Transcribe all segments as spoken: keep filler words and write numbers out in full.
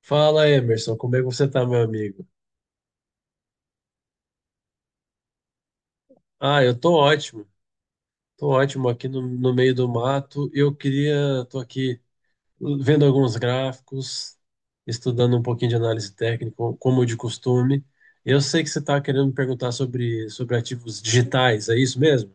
Fala, Emerson, como é que você tá, meu amigo? Ah, eu tô ótimo. Tô ótimo aqui no, no meio do mato. Eu queria, tô aqui vendo alguns gráficos, estudando um pouquinho de análise técnica, como de costume. Eu sei que você tá querendo me perguntar sobre, sobre ativos digitais, é isso mesmo?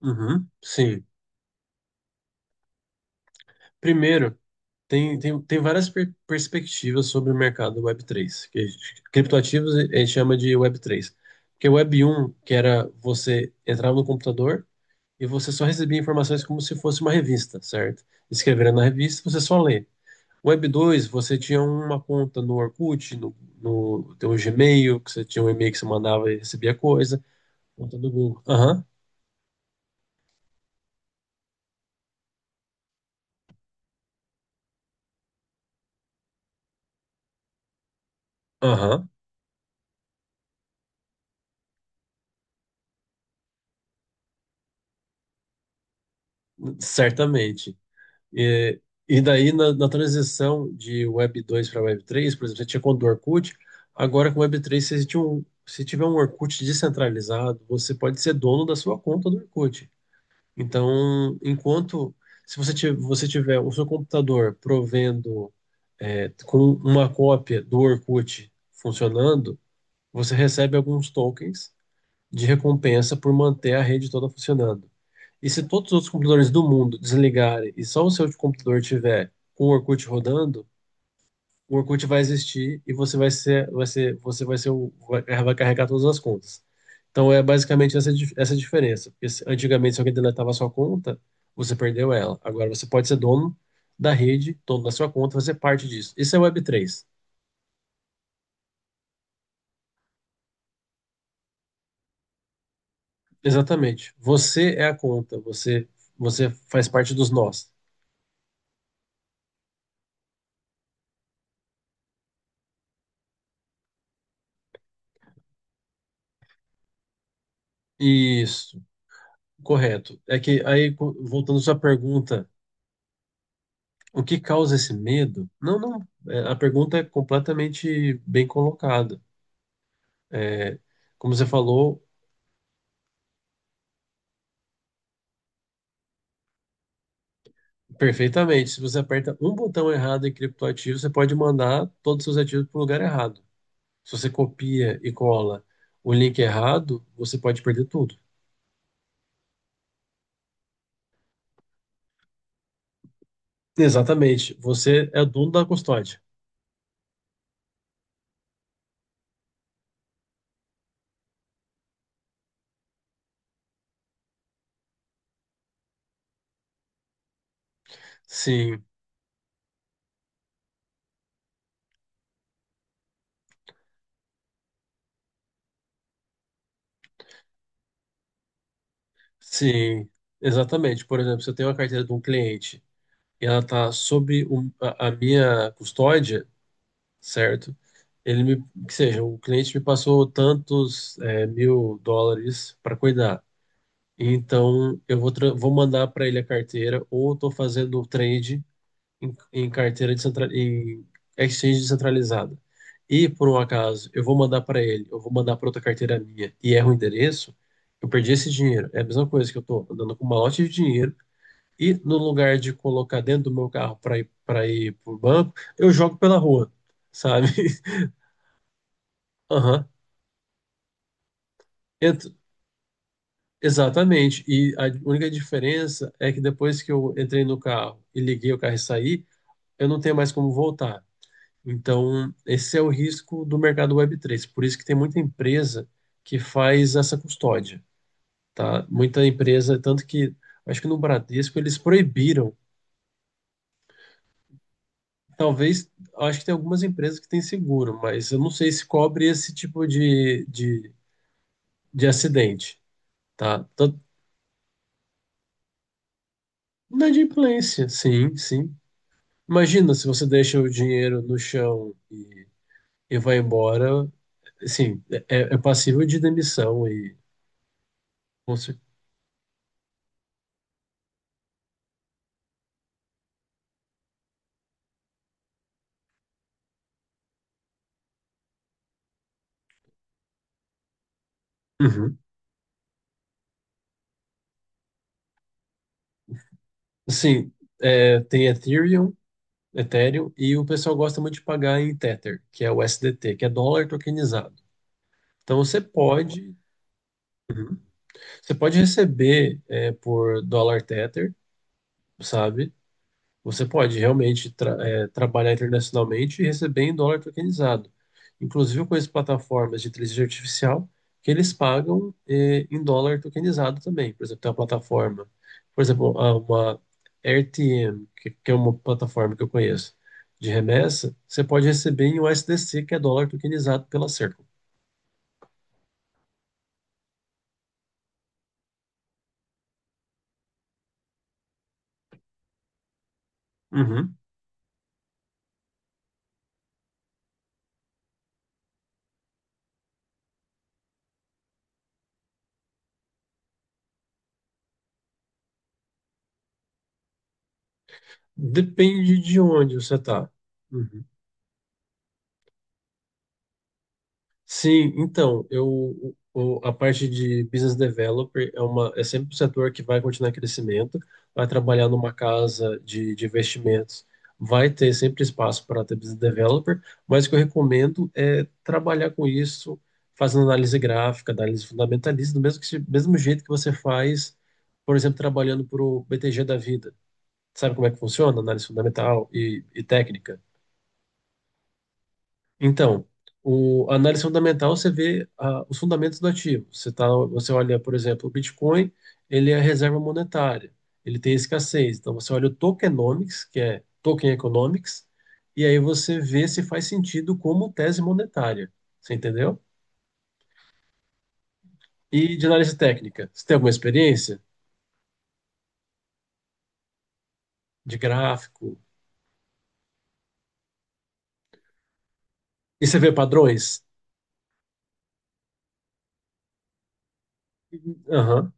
Uhum, sim. Primeiro, tem, tem, tem várias per- perspectivas sobre o mercado web três, que a gente- criptoativos a gente chama de web três. Porque o web um, que era você entrar no computador e você só recebia informações como se fosse uma revista, certo? Escreveram na revista, você só lê. Web dois, você tinha uma conta no Orkut, no, no teu Gmail, que você tinha um e-mail que você mandava e recebia coisa. Conta do Google. Aham, aham, certamente. E, e daí, na, na transição de Web dois para Web três, por exemplo, você tinha conta do Orkut, agora com Web três, você tinha um, se tiver um Orkut descentralizado, você pode ser dono da sua conta do Orkut. Então, enquanto se você tiver, você tiver o seu computador provendo é, com uma cópia do Orkut funcionando, você recebe alguns tokens de recompensa por manter a rede toda funcionando. E se todos os outros computadores do mundo desligarem e só o seu computador tiver com o Orkut rodando, o Orkut vai existir e você vai ser, vai ser, você vai ser o, vai, vai carregar todas as contas. Então é basicamente essa, dif- essa diferença. Porque se- antigamente, se alguém deletava a sua conta, você perdeu ela. Agora você pode ser dono da rede, dono da sua conta, fazer parte disso. Isso é web três. Exatamente. Você é a conta, você, você faz parte dos nós. Isso, correto. É que aí, co- voltando à sua pergunta, o que causa esse medo? Não, não. é, A pergunta é completamente bem colocada. É, como você falou perfeitamente, se você aperta um botão errado em criptoativo, você pode mandar todos os seus ativos para o lugar errado. Se você copia e cola o link errado, você pode perder tudo. Exatamente. Você é o dono da custódia. Sim, sim, exatamente. Por exemplo, se eu tenho uma carteira de um cliente e ela está sob o- a, a minha custódia, certo? Ele me, que seja, o cliente me passou tantos eh, mil dólares para cuidar. Então, eu vou, tra- vou mandar para ele a carteira, ou eu estou fazendo o trade em, em carteira descentra- em exchange descentralizada. E, por um acaso, eu vou mandar para ele, eu vou mandar para outra carteira minha e erro o endereço, eu perdi esse dinheiro. É a mesma coisa que eu estou andando com um malote de dinheiro e, no lugar de colocar dentro do meu carro para ir para ir para o banco, eu jogo pela rua, sabe? Aham. Ent- Exatamente. E a única diferença é que depois que eu entrei no carro e liguei o carro e saí, eu não tenho mais como voltar. Então, esse é o risco do mercado web três. Por isso que tem muita empresa que faz essa custódia, tá? Muita empresa, tanto que acho que no Bradesco eles proibiram. Talvez, acho que tem algumas empresas que têm seguro, mas eu não sei se cobre esse tipo de, de, de acidente, tá? Tanto, inadimplência, sim, sim. Imagina se você deixa o dinheiro no chão e, e vai embora, assim, é, é passível de demissão e Uhum. Sim, é, tem Ethereum, Ethereum, e o pessoal gosta muito de pagar em Tether, que é o S D T que é dólar tokenizado. Então você pode, Uhum. Você pode receber é, por dólar Tether, sabe? Você pode realmente tra- é, trabalhar internacionalmente e receber em dólar tokenizado. Inclusive, eu conheço plataformas de inteligência artificial que eles pagam eh, em dólar tokenizado também. Por exemplo, tem uma plataforma, por exemplo, a- uma R T M, que, que é uma plataforma que eu conheço de remessa, você pode receber em U S D C, que é dólar tokenizado pela Circle. Uhum. Depende de onde você está. Sim, então, eu, o- o- a parte de business developer é, uma, é sempre um setor que vai continuar em crescimento, vai trabalhar numa casa de, de investimentos, vai ter sempre espaço para ter business developer, mas o que eu recomendo é trabalhar com isso, fazendo análise gráfica, análise fundamentalista, do mesmo, que, se- mesmo jeito que você faz, por exemplo, trabalhando para o B T G da vida. Sabe como é que funciona? Análise fundamental e, e técnica. Então, o, a análise fundamental você vê ah, os fundamentos do ativo. Você, tá, você olha, por exemplo, o Bitcoin, ele é a reserva monetária, ele tem escassez. Então, você olha o tokenomics, que é token economics, e aí você vê se faz sentido como tese monetária. Você entendeu? E de análise técnica, você tem alguma experiência de gráfico? E você vê padrões? Aham.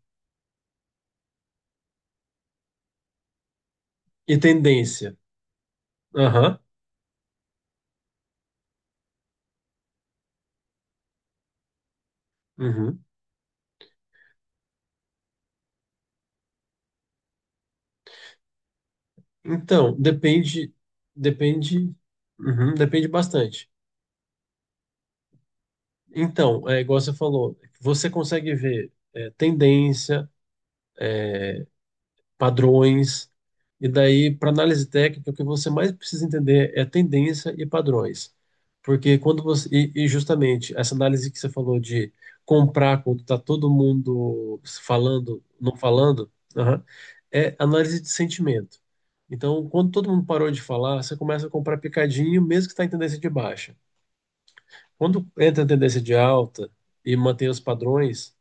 E tendência? Aham. Uhum. Então, depende, depende, uhum, depende bastante. Então, é igual você falou, você consegue ver é, tendência, padrões. E daí, para análise técnica, o que você mais precisa entender é tendência e padrões. Porque quando você. E, e justamente essa análise que você falou de comprar quando está todo mundo falando, não falando, aham, é análise de sentimento. Então, quando todo mundo parou de falar, você começa a comprar picadinho, mesmo que está em tendência de baixa. Quando entra em tendência de alta e mantém os padrões,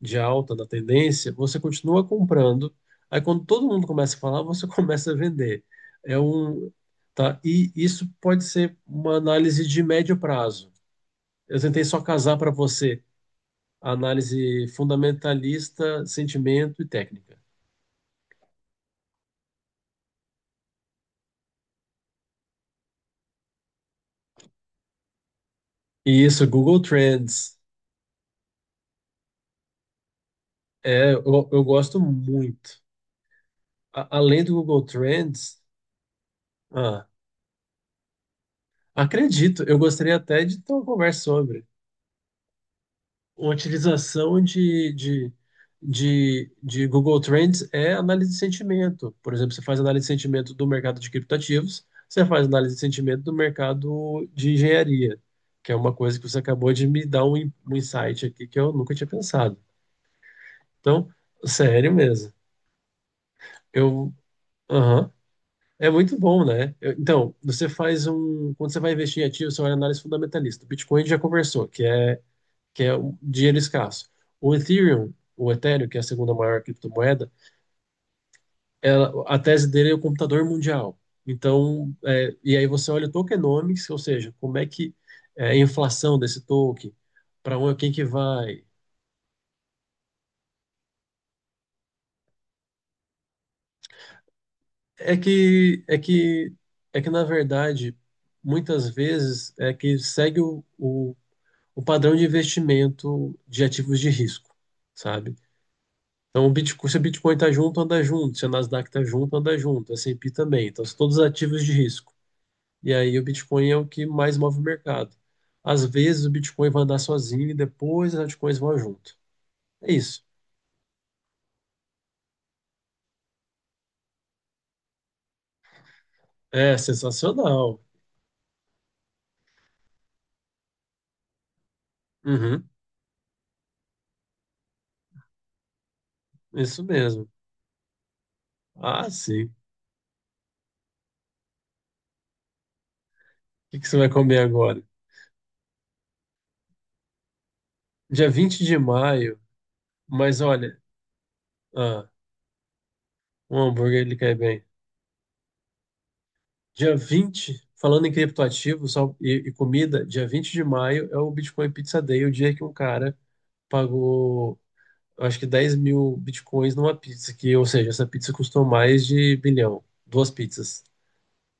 de alta da tendência, você continua comprando. Aí quando todo mundo começa a falar, você começa a vender. É um, tá? E isso pode ser uma análise de médio prazo. Eu tentei só casar para você a análise fundamentalista, sentimento e técnica. E isso, Google Trends, é, eu, eu gosto muito. A- além do Google Trends, ah, acredito, eu gostaria até de ter uma conversa sobre. Utilização de, de, de, de Google Trends é análise de sentimento. Por exemplo, você faz análise de sentimento do mercado de criptativos, você faz análise de sentimento do mercado de engenharia, que é uma coisa que você acabou de me dar um, in- um insight aqui que eu nunca tinha pensado. Então, sério mesmo. Eu, aham. É muito bom, né? Eu- Então, você faz um. Quando você vai investir em ativos, você olha a análise fundamentalista. Bitcoin já conversou, que é que é o dinheiro escasso. O Ethereum, o Ethereum, que é a segunda maior criptomoeda, ela, a tese dele é o computador mundial. Então, é, e aí você olha o tokenomics, ou seja, como é que é a inflação desse token, para onde quem que vai. É que é que é que na verdade muitas vezes é que segue o, o, o padrão de investimento de ativos de risco, sabe? Então, o Bitcoin, se o Bitcoin está junto, anda junto. Se a Nasdaq está junto, anda junto. A S e P também. Então, são todos ativos de risco. E aí, o Bitcoin é o que mais move o mercado. Às vezes, o Bitcoin vai andar sozinho e depois as altcoins vão junto. É isso. É sensacional. Uhum, isso mesmo. Ah, sim. O que que você vai comer agora? Dia vinte de maio, mas olha, ah, um hambúrguer ele cai bem. Dia vinte, falando em criptoativos só- e, e comida, dia vinte de maio é o Bitcoin Pizza Day, o dia que um cara pagou, eu acho que dez mil bitcoins numa pizza, que, ou seja, essa pizza custou mais de bilhão, duas pizzas.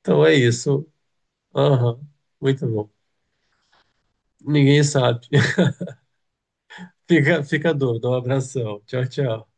Então é isso. Aham, muito bom. Ninguém sabe. Fica, fica a dúvida. Um abração. Tchau, tchau.